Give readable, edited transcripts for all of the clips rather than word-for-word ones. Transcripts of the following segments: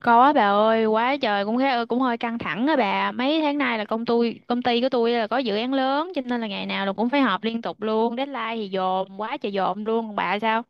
Có bà ơi, quá trời cũng khá cũng hơi căng thẳng á bà. Mấy tháng nay là công ty của tôi là có dự án lớn cho nên là ngày nào là cũng phải họp liên tục luôn, deadline thì dồn, quá trời dồn luôn. Còn bà sao?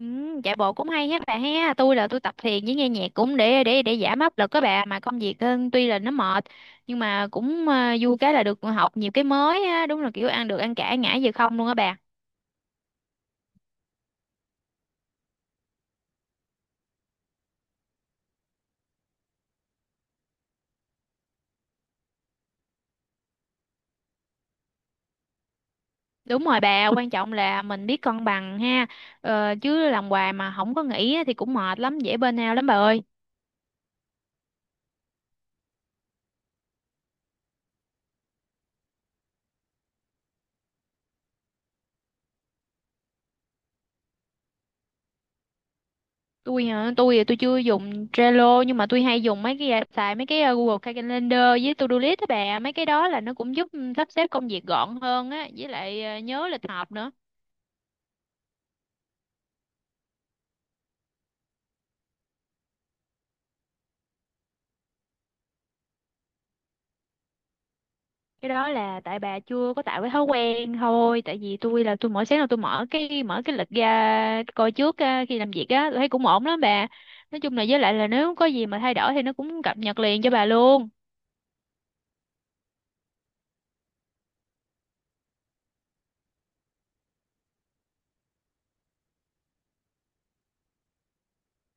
Ừ, chạy bộ cũng hay hết bà ha. Tôi là tôi tập thiền với nghe nhạc cũng để giảm áp lực các bà, mà công việc tuy là nó mệt nhưng mà cũng vui, cái là được học nhiều cái mới á, đúng là kiểu ăn được ăn cả ngã về không luôn á bà. Đúng rồi bà, quan trọng là mình biết cân bằng ha. Ờ, chứ làm hoài mà không có nghỉ á thì cũng mệt lắm, dễ burnout lắm bà ơi. Tôi thì tôi chưa dùng Trello, nhưng mà tôi hay dùng mấy cái xài mấy cái Google Calendar với To-do list á bà, mấy cái đó là nó cũng giúp sắp xếp công việc gọn hơn á, với lại nhớ lịch họp nữa. Cái đó là tại bà chưa có tạo cái thói quen thôi, tại vì tôi là tôi mỗi sáng là tôi mở cái lịch ra coi trước khi làm việc á, tôi thấy cũng ổn lắm bà. Nói chung là với lại là nếu có gì mà thay đổi thì nó cũng cập nhật liền cho bà luôn.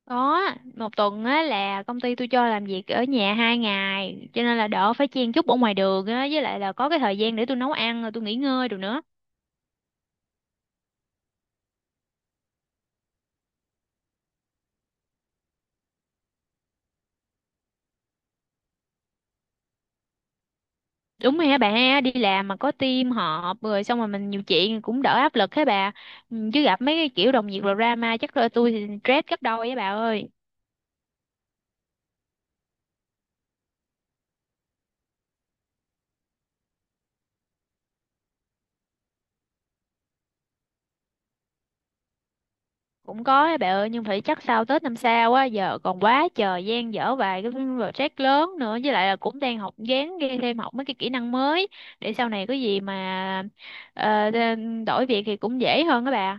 Có, một tuần á là công ty tôi cho làm việc ở nhà 2 ngày, cho nên là đỡ phải chen chúc ở ngoài đường á, với lại là có cái thời gian để tôi nấu ăn rồi tôi nghỉ ngơi rồi nữa. Đúng rồi hả bà ha, đi làm mà có team họp rồi xong rồi mình nhiều chuyện cũng đỡ áp lực hả bà. Ừ, chứ gặp mấy cái kiểu đồng nghiệp rồi drama chắc là tôi thì stress gấp đôi á bà ơi. Cũng có á bà ơi, nhưng phải chắc sau Tết năm sau á, giờ còn quá trời dang dở vài cái project lớn nữa, với lại là cũng đang học gán ghi thêm học mấy cái kỹ năng mới để sau này có gì mà ờ, đe- đổi việc thì cũng dễ hơn các bà.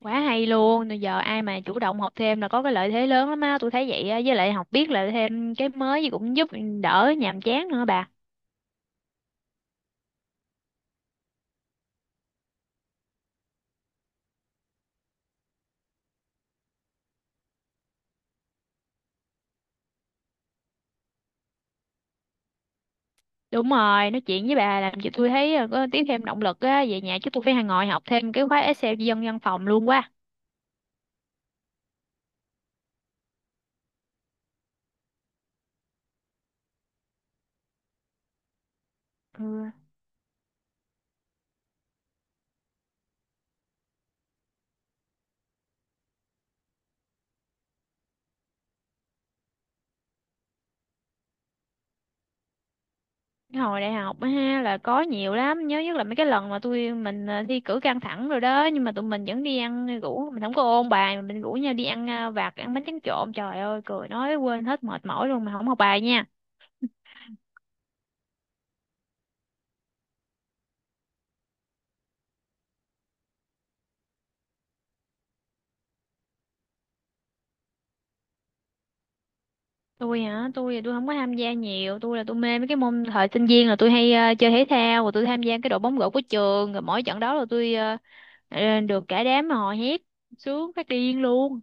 Quá hay luôn. Rồi giờ ai mà chủ động học thêm là có cái lợi thế lớn lắm á, tôi thấy vậy á, với lại học biết là thêm cái mới gì cũng giúp đỡ nhàm chán nữa bà. Đúng rồi, nói chuyện với bà làm cho tôi thấy có tiếp thêm động lực á, về nhà chứ tôi phải ngồi học thêm cái khóa Excel dân văn phòng luôn quá. Ừ. Cái hồi đại học á ha là có nhiều lắm, nhớ nhất là mấy cái lần mà tụi mình thi cử căng thẳng rồi đó, nhưng mà tụi mình vẫn đi ăn, rủ mình không có ôn bài mà mình rủ nhau đi ăn vặt, ăn bánh tráng trộn, trời ơi cười nói quên hết mệt mỏi luôn mà không học bài nha. Tôi thì tôi không có tham gia nhiều, tôi là tôi mê mấy cái môn thời sinh viên, là tôi hay chơi thể thao, rồi tôi tham gia cái đội bóng rổ của trường, rồi mỗi trận đó là tôi được cả đám mà hò hét sướng phát điên luôn.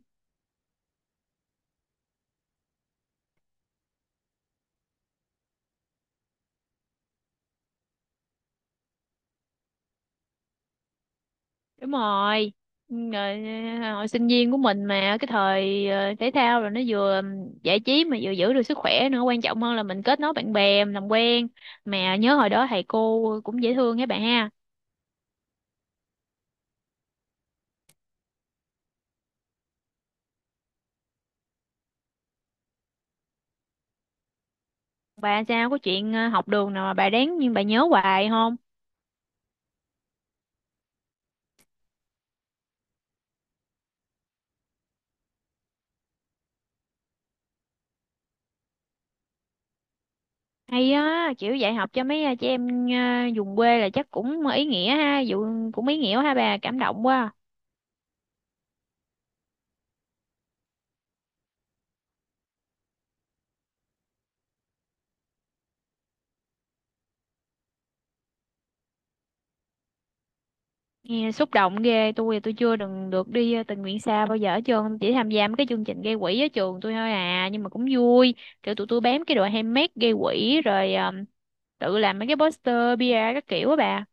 Đúng rồi, rồi. Hồi sinh viên của mình mà cái thời thể thao rồi nó vừa giải trí mà vừa giữ được sức khỏe nữa, quan trọng hơn là mình kết nối bạn bè mình làm quen, mà nhớ hồi đó thầy cô cũng dễ thương các bạn ha. Bà sao có chuyện học đường nào mà bà đáng nhưng bà nhớ hoài không? Hay á, kiểu dạy học cho mấy trẻ em vùng quê là chắc cũng ý nghĩa ha, vụ cũng ý nghĩa ha bà, cảm động quá. Nghe xúc động ghê, tôi chưa đừng được đi tình nguyện xa bao giờ hết trơn, chỉ tham gia mấy cái chương trình gây quỹ ở trường tôi thôi à, nhưng mà cũng vui. Kiểu tụi tôi bám cái đội handmade gây quỹ rồi tự làm mấy cái poster, bia các kiểu á bà.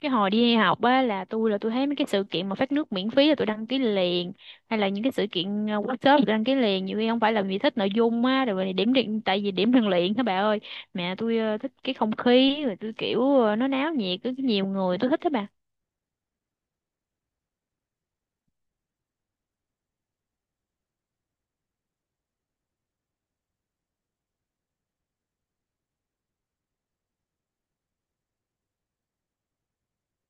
Cái hồi đi học á là tôi thấy mấy cái sự kiện mà phát nước miễn phí là tôi đăng ký liền, hay là những cái sự kiện workshop tôi đăng ký liền, nhiều khi không phải là vì thích nội dung á, rồi điểm điện tại vì điểm rèn luyện đó bà ơi, mẹ tôi thích cái không khí, rồi tôi kiểu nó náo nhiệt có nhiều người tôi thích đó bà.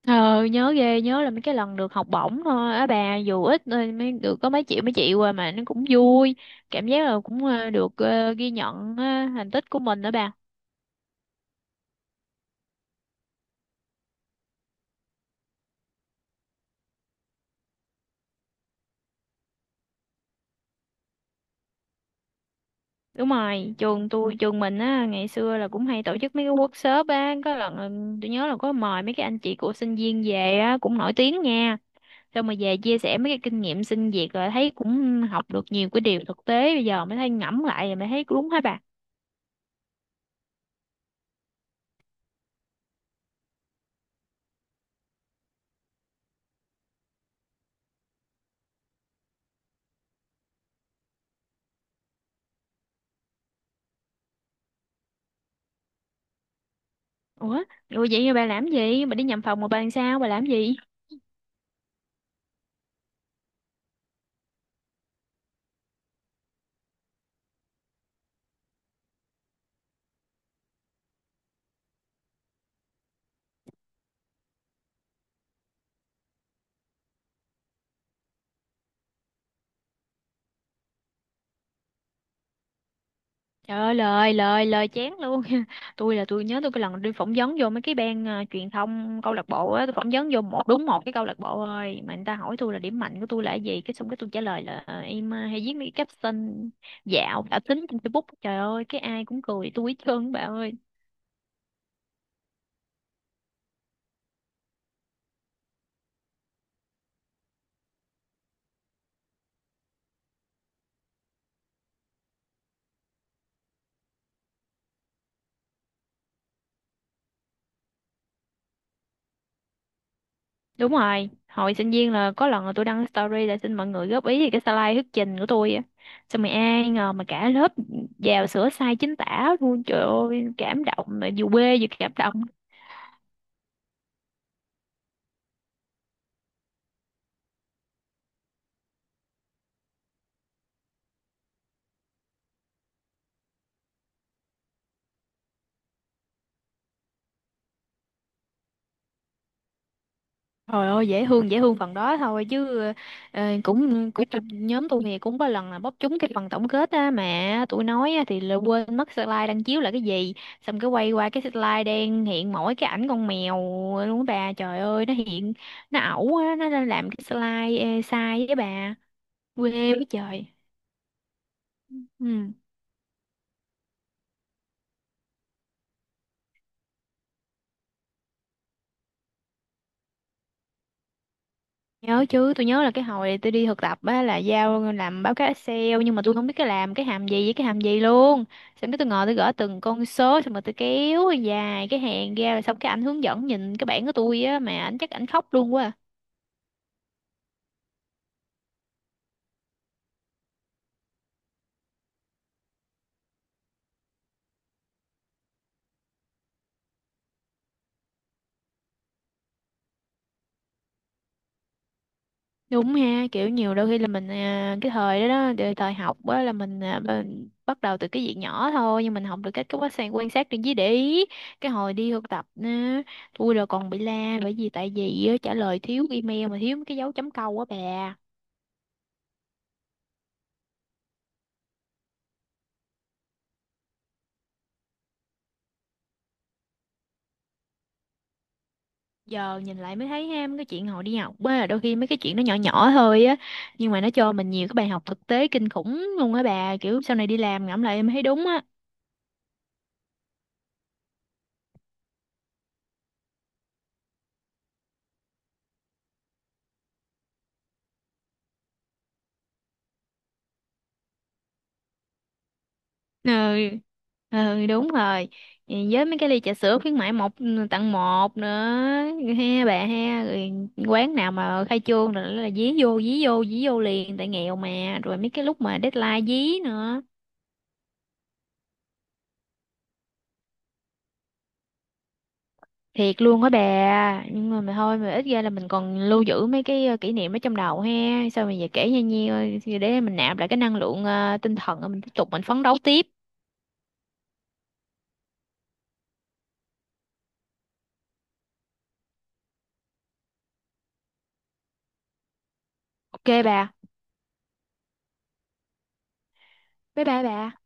Ờ, nhớ ghê, nhớ là mấy cái lần được học bổng thôi á bà, dù ít thôi, mới được có mấy triệu qua mà nó cũng vui, cảm giác là cũng được ghi nhận thành tích của mình đó bà. Đúng rồi, trường mình á ngày xưa là cũng hay tổ chức mấy cái workshop á, có lần là tôi nhớ là có mời mấy cái anh chị của sinh viên về á cũng nổi tiếng nha, xong mà về chia sẻ mấy cái kinh nghiệm sinh việc rồi thấy cũng học được nhiều cái điều thực tế, bây giờ mới thấy ngẫm lại rồi mới thấy đúng hả bà. Ủa, ủa vậy bà làm gì, bà đi nhầm phòng mà bà làm sao bà làm gì? Trời ơi lời lời lời chán luôn. Tôi là tôi nhớ cái lần đi phỏng vấn vô mấy cái ban truyền thông câu lạc bộ á. Tôi phỏng vấn vô một đúng một cái câu lạc bộ thôi, mà người ta hỏi tôi là điểm mạnh của tôi là cái gì, cái xong cái tôi trả lời là em hay viết mấy cái caption dạo cả tính trên Facebook. Trời ơi cái ai cũng cười tôi hết trơn bà ơi. Đúng rồi, hồi sinh viên là có lần là tôi đăng story là xin mọi người góp ý về cái slide thuyết trình của tôi á, xong rồi ai ngờ mà cả lớp vào sửa sai chính tả luôn, trời ơi cảm động mà vừa quê vừa cảm động. Trời ơi dễ thương phần đó thôi chứ cũng cũng nhóm tôi thì cũng có lần là bóp trúng cái phần tổng kết á mà tụi nói á, thì là quên mất slide đang chiếu là cái gì, xong cái quay qua cái slide đen hiện mỗi cái ảnh con mèo luôn á bà, trời ơi nó hiện, nó ẩu á nó đang làm cái slide sai với bà, quê với trời. Ừ. Nhớ chứ, tôi nhớ là cái hồi tôi đi thực tập á là giao làm báo cáo Excel nhưng mà tôi không biết cái làm cái hàm gì với cái hàm gì luôn. Xong cái tôi ngồi tôi gõ từng con số xong rồi tôi kéo dài cái hàng ra rồi xong cái ảnh hướng dẫn nhìn cái bảng của tôi á mà ảnh chắc ảnh khóc luôn quá à. Đúng ha, kiểu nhiều đôi khi là mình cái thời đó đó, thời học á là mình bắt đầu từ cái việc nhỏ thôi nhưng mình học được cách cái quá sang quan sát trên dưới để ý. Cái hồi đi thực tập á, tôi là còn bị la bởi vì tại vì á, trả lời thiếu email mà thiếu cái dấu chấm câu á bà. Giờ nhìn lại mới thấy ha mấy cái chuyện hồi đi học á, đôi khi mấy cái chuyện nó nhỏ nhỏ thôi á, nhưng mà nó cho mình nhiều cái bài học thực tế kinh khủng luôn á bà, kiểu sau này đi làm ngẫm lại em thấy đúng á. Ừ, ừ, đúng rồi. Ừ, với mấy cái ly trà sữa khuyến mãi một tặng một nữa ha bà ha, rồi quán nào mà khai trương rồi là dí vô dí vô dí vô liền, tại nghèo mà, rồi mấy cái lúc mà deadline dí nữa, thiệt luôn á bà, nhưng mà thôi, mà ít ra là mình còn lưu giữ mấy cái kỷ niệm ở trong đầu ha, sao mà giờ kể nha nhiêu để mình nạp lại cái năng lượng tinh thần mình tiếp tục mình phấn đấu tiếp. OK bà. Bye bye bà.